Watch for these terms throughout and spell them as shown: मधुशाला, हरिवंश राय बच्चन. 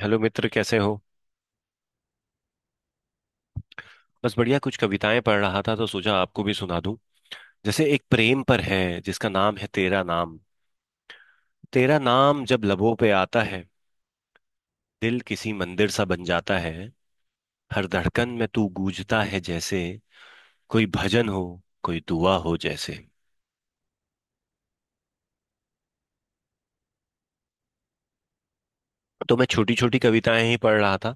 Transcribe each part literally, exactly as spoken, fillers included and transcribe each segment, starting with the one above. Hello मित्र, कैसे हो। बस बढ़िया, कुछ कविताएं पढ़ रहा था तो सोचा आपको भी सुना दूं। जैसे एक प्रेम पर है, जिसका नाम है तेरा नाम। तेरा नाम जब लबों पे आता है, दिल किसी मंदिर सा बन जाता है। हर धड़कन में तू गूंजता है जैसे कोई भजन हो, कोई दुआ हो जैसे। तो मैं छोटी छोटी कविताएं ही पढ़ रहा था,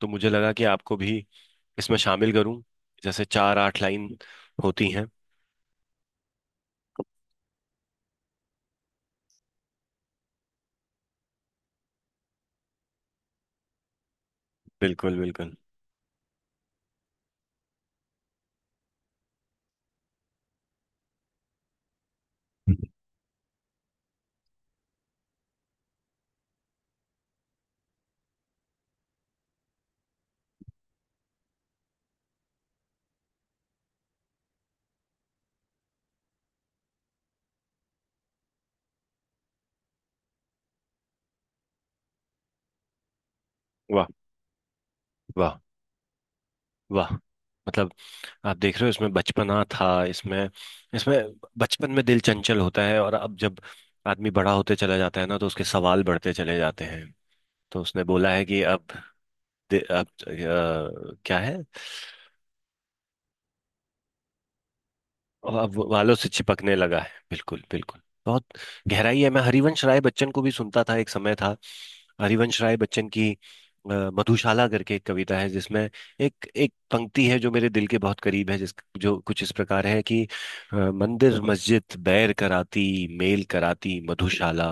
तो मुझे लगा कि आपको भी इसमें शामिल करूं। जैसे चार आठ लाइन होती हैं। बिल्कुल बिल्कुल। वाह, वाह, वाह। मतलब, आप देख रहे हो, इसमें बचपना था। इसमें इसमें बचपन में दिल चंचल होता है, और अब जब आदमी बड़ा होते चला जाता है ना तो उसके सवाल बढ़ते चले जाते हैं। तो उसने बोला है कि अब दे- अब अ, क्या है। और अब बालों से चिपकने लगा है, बिल्कुल बिल्कुल। बहुत गहराई है। मैं हरिवंश राय बच्चन को भी सुनता था, एक समय था। हरिवंश राय बच्चन की अ, मधुशाला करके एक कविता है, जिसमें एक एक पंक्ति है जो मेरे दिल के बहुत करीब है, जिस जो कुछ इस प्रकार है कि अ, मंदिर मस्जिद बैर कराती, मेल कराती मधुशाला।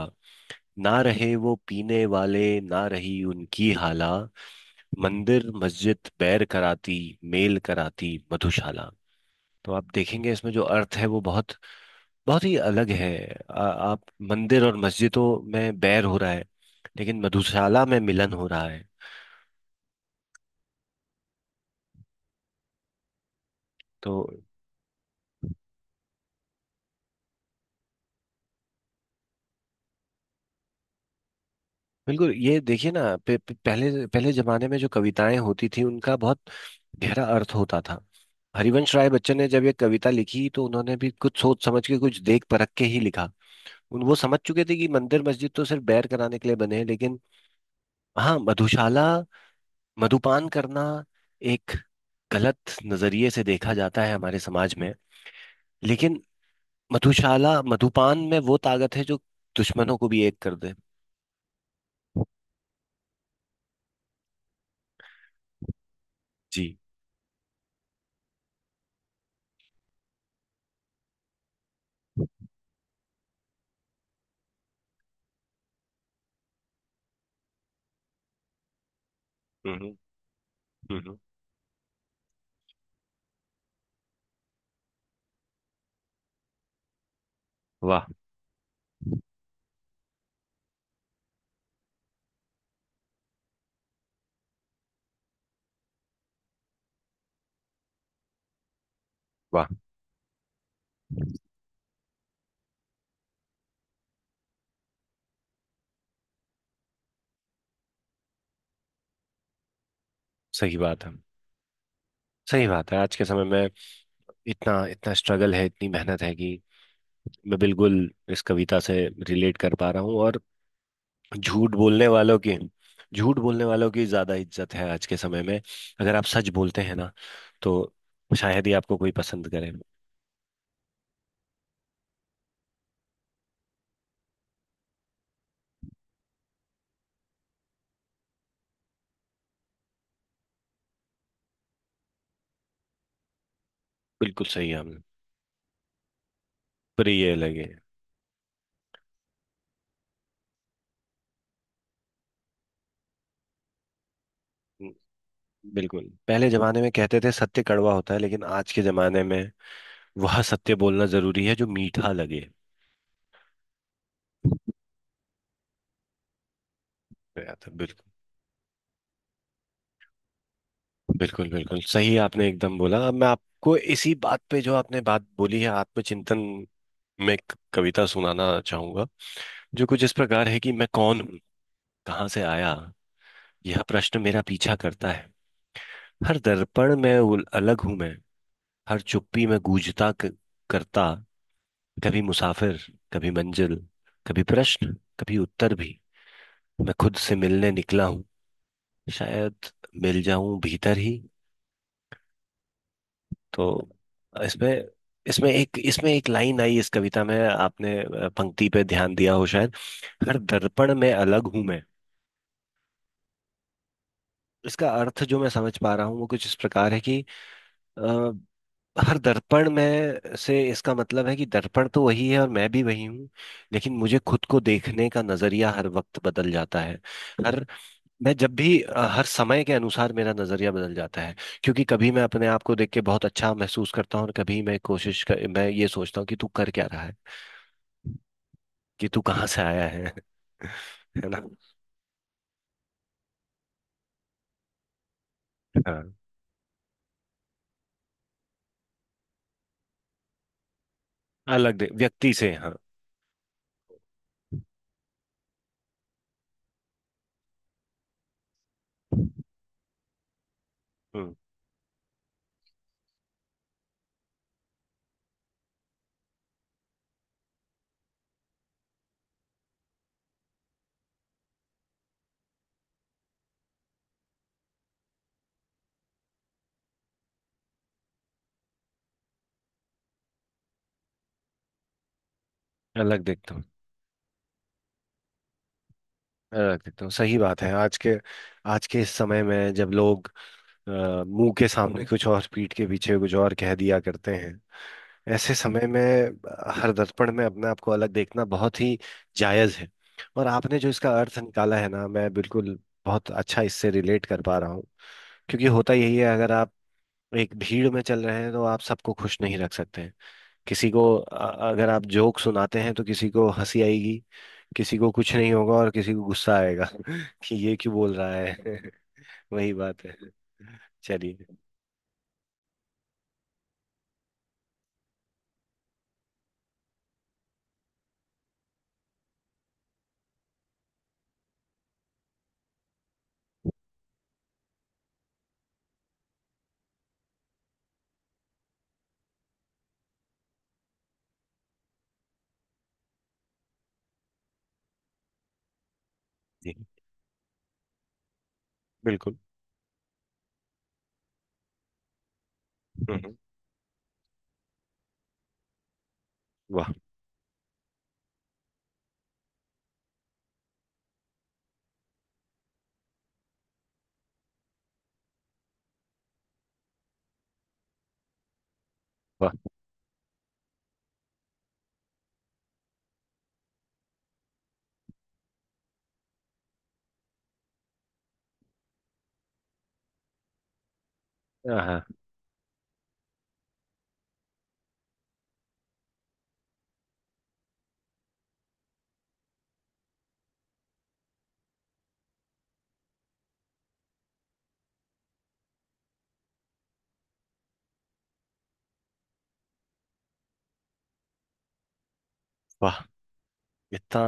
ना रहे वो पीने वाले, ना रही उनकी हाला। मंदिर मस्जिद बैर कराती, मेल कराती मधुशाला। तो आप देखेंगे इसमें जो अर्थ है वो बहुत बहुत ही अलग है। आ, आप, मंदिर और मस्जिदों में बैर हो रहा है, लेकिन मधुशाला में मिलन हो रहा है। तो बिल्कुल, ये देखिए ना, पे, पे, पहले पहले जमाने में जो कविताएं होती थी उनका बहुत गहरा अर्थ होता था। हरिवंश राय बच्चन ने जब ये कविता लिखी, तो उन्होंने भी कुछ सोच समझ के, कुछ देख परख के ही लिखा। उन वो समझ चुके थे कि मंदिर मस्जिद तो सिर्फ बैर कराने के लिए बने हैं, लेकिन हाँ, मधुशाला, मधुपान करना एक गलत नजरिए से देखा जाता है हमारे समाज में, लेकिन मधुशाला मधुपान में वो ताकत है जो दुश्मनों को भी एक कर दे। जी। हम्म हम्म हम्म। वाह, वाह। सही बात है। सही बात है, आज के समय में इतना इतना स्ट्रगल है, इतनी मेहनत है कि मैं बिल्कुल इस कविता से रिलेट कर पा रहा हूँ। और झूठ बोलने वालों की झूठ बोलने वालों की ज्यादा इज्जत है आज के समय में। अगर आप सच बोलते हैं ना, तो शायद ही आपको कोई पसंद करे। बिल्कुल सही है, हमने। प्रिय लगे। बिल्कुल, पहले जमाने में कहते थे सत्य कड़वा होता है, लेकिन आज के जमाने में वह सत्य बोलना जरूरी है जो मीठा लगे। तो यार, तो बिल्कुल। बिल्कुल बिल्कुल सही आपने एकदम बोला। अब मैं आपको इसी बात पे, जो आपने बात बोली है आत्मचिंतन, में एक कविता सुनाना चाहूंगा, जो कुछ इस प्रकार है कि मैं कौन हूँ, कहाँ से आया। यह प्रश्न मेरा पीछा करता है। हर दर्पण में उल- अलग हूं मैं। हर चुप्पी में गूंजता क- करता। कभी मुसाफिर, कभी मंजिल, कभी प्रश्न, कभी उत्तर भी। मैं खुद से मिलने निकला हूँ, शायद मिल जाऊं भीतर ही। तो इसमें इसमें एक, इसमें एक लाइन आई इस कविता में, आपने अ, पंक्ति पे ध्यान दिया हो शायद। हर दर्पण में अलग हूं मैं। इसका अर्थ जो मैं समझ पा रहा हूँ वो कुछ इस प्रकार है कि अ, हर दर्पण में से, इसका मतलब है कि दर्पण तो वही है और मैं भी वही हूँ, लेकिन मुझे खुद को देखने का नजरिया हर वक्त बदल जाता है। हर मैं जब भी अ, हर समय के अनुसार मेरा नजरिया बदल जाता है, क्योंकि कभी मैं अपने आप को देख के बहुत अच्छा महसूस करता हूँ, और कभी मैं कोशिश कर, मैं ये सोचता हूँ कि तू कर क्या रहा है, कि तू कहाँ से आया है। है ना। हाँ, अलग दे व्यक्ति से, हाँ। हम्म, अलग देखता हूँ। अलग देखता हूँ, सही बात है। आज के, आज के इस समय में जब लोग अ, मुंह के सामने कुछ और, पीठ के पीछे कुछ और कह दिया करते हैं, ऐसे समय में अ, हर दर्पण में अपने आप को अलग देखना बहुत ही जायज है। और आपने जो इसका अर्थ निकाला है ना, मैं बिल्कुल बहुत अच्छा इससे रिलेट कर पा रहा हूँ, क्योंकि होता यही है, अगर आप एक भीड़ में चल रहे हैं तो आप सबको खुश नहीं रख सकते हैं। किसी को अ, अगर आप जोक सुनाते हैं, तो किसी को हंसी आएगी, किसी को कुछ नहीं होगा, और किसी को गुस्सा आएगा कि ये क्यों बोल रहा है। वही बात है। चलिए। जी, बिल्कुल। हम्म, वाह, वाह। हाँ, हाँ, वाह। इतना,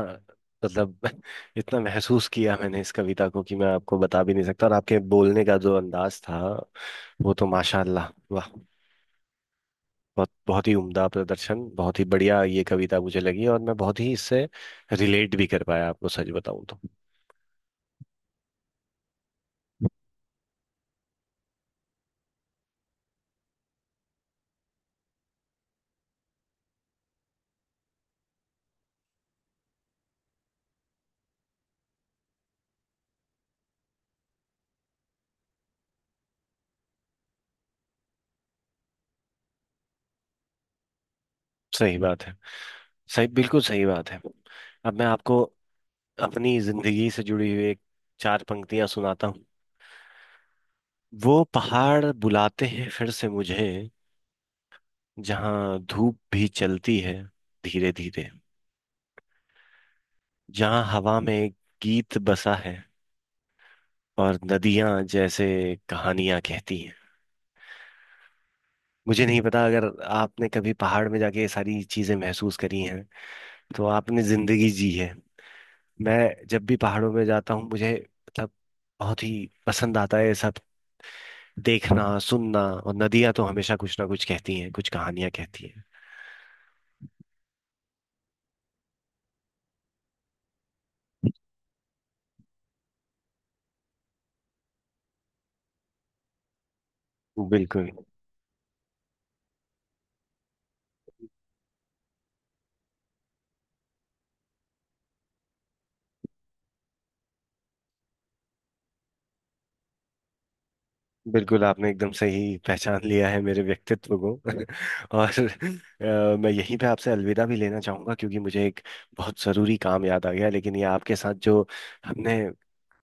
मतलब, इतना महसूस किया मैंने इस कविता को कि मैं आपको बता भी नहीं सकता। और आपके बोलने का जो अंदाज था, वो तो माशाल्लाह, वाह, बहुत बहुत ही उम्दा प्रदर्शन। बहुत ही बढ़िया ये कविता मुझे लगी, और मैं बहुत ही इससे रिलेट भी कर पाया आपको, सच बताऊं तो। सही बात है। सही, बिल्कुल सही बात है। अब मैं आपको अपनी जिंदगी से जुड़ी हुई एक, चार पंक्तियां सुनाता हूँ। वो पहाड़ बुलाते हैं फिर से मुझे, जहाँ धूप भी चलती है धीरे धीरे। जहाँ हवा में एक गीत बसा है, और नदियां जैसे कहानियां कहती हैं। मुझे नहीं पता अगर आपने कभी पहाड़ में जाके ये सारी चीजें महसूस करी हैं, तो आपने जिंदगी जी है। मैं जब भी पहाड़ों में जाता हूँ, मुझे मतलब बहुत ही पसंद आता है ये सब देखना सुनना, और नदियां तो हमेशा कुछ ना कुछ कहती हैं, कुछ कहानियां कहती हैं। बिल्कुल बिल्कुल, आपने एकदम सही पहचान लिया है मेरे व्यक्तित्व को। और अ, मैं यहीं पे आपसे अलविदा भी लेना चाहूंगा, क्योंकि मुझे एक बहुत ज़रूरी काम याद आ गया। लेकिन ये आपके साथ जो हमने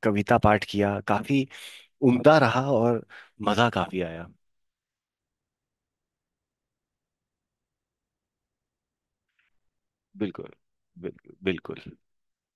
कविता पाठ किया, काफ़ी उम्दा रहा, और मज़ा काफ़ी आया। बिल्कुल बिल्कुल बिल्कुल।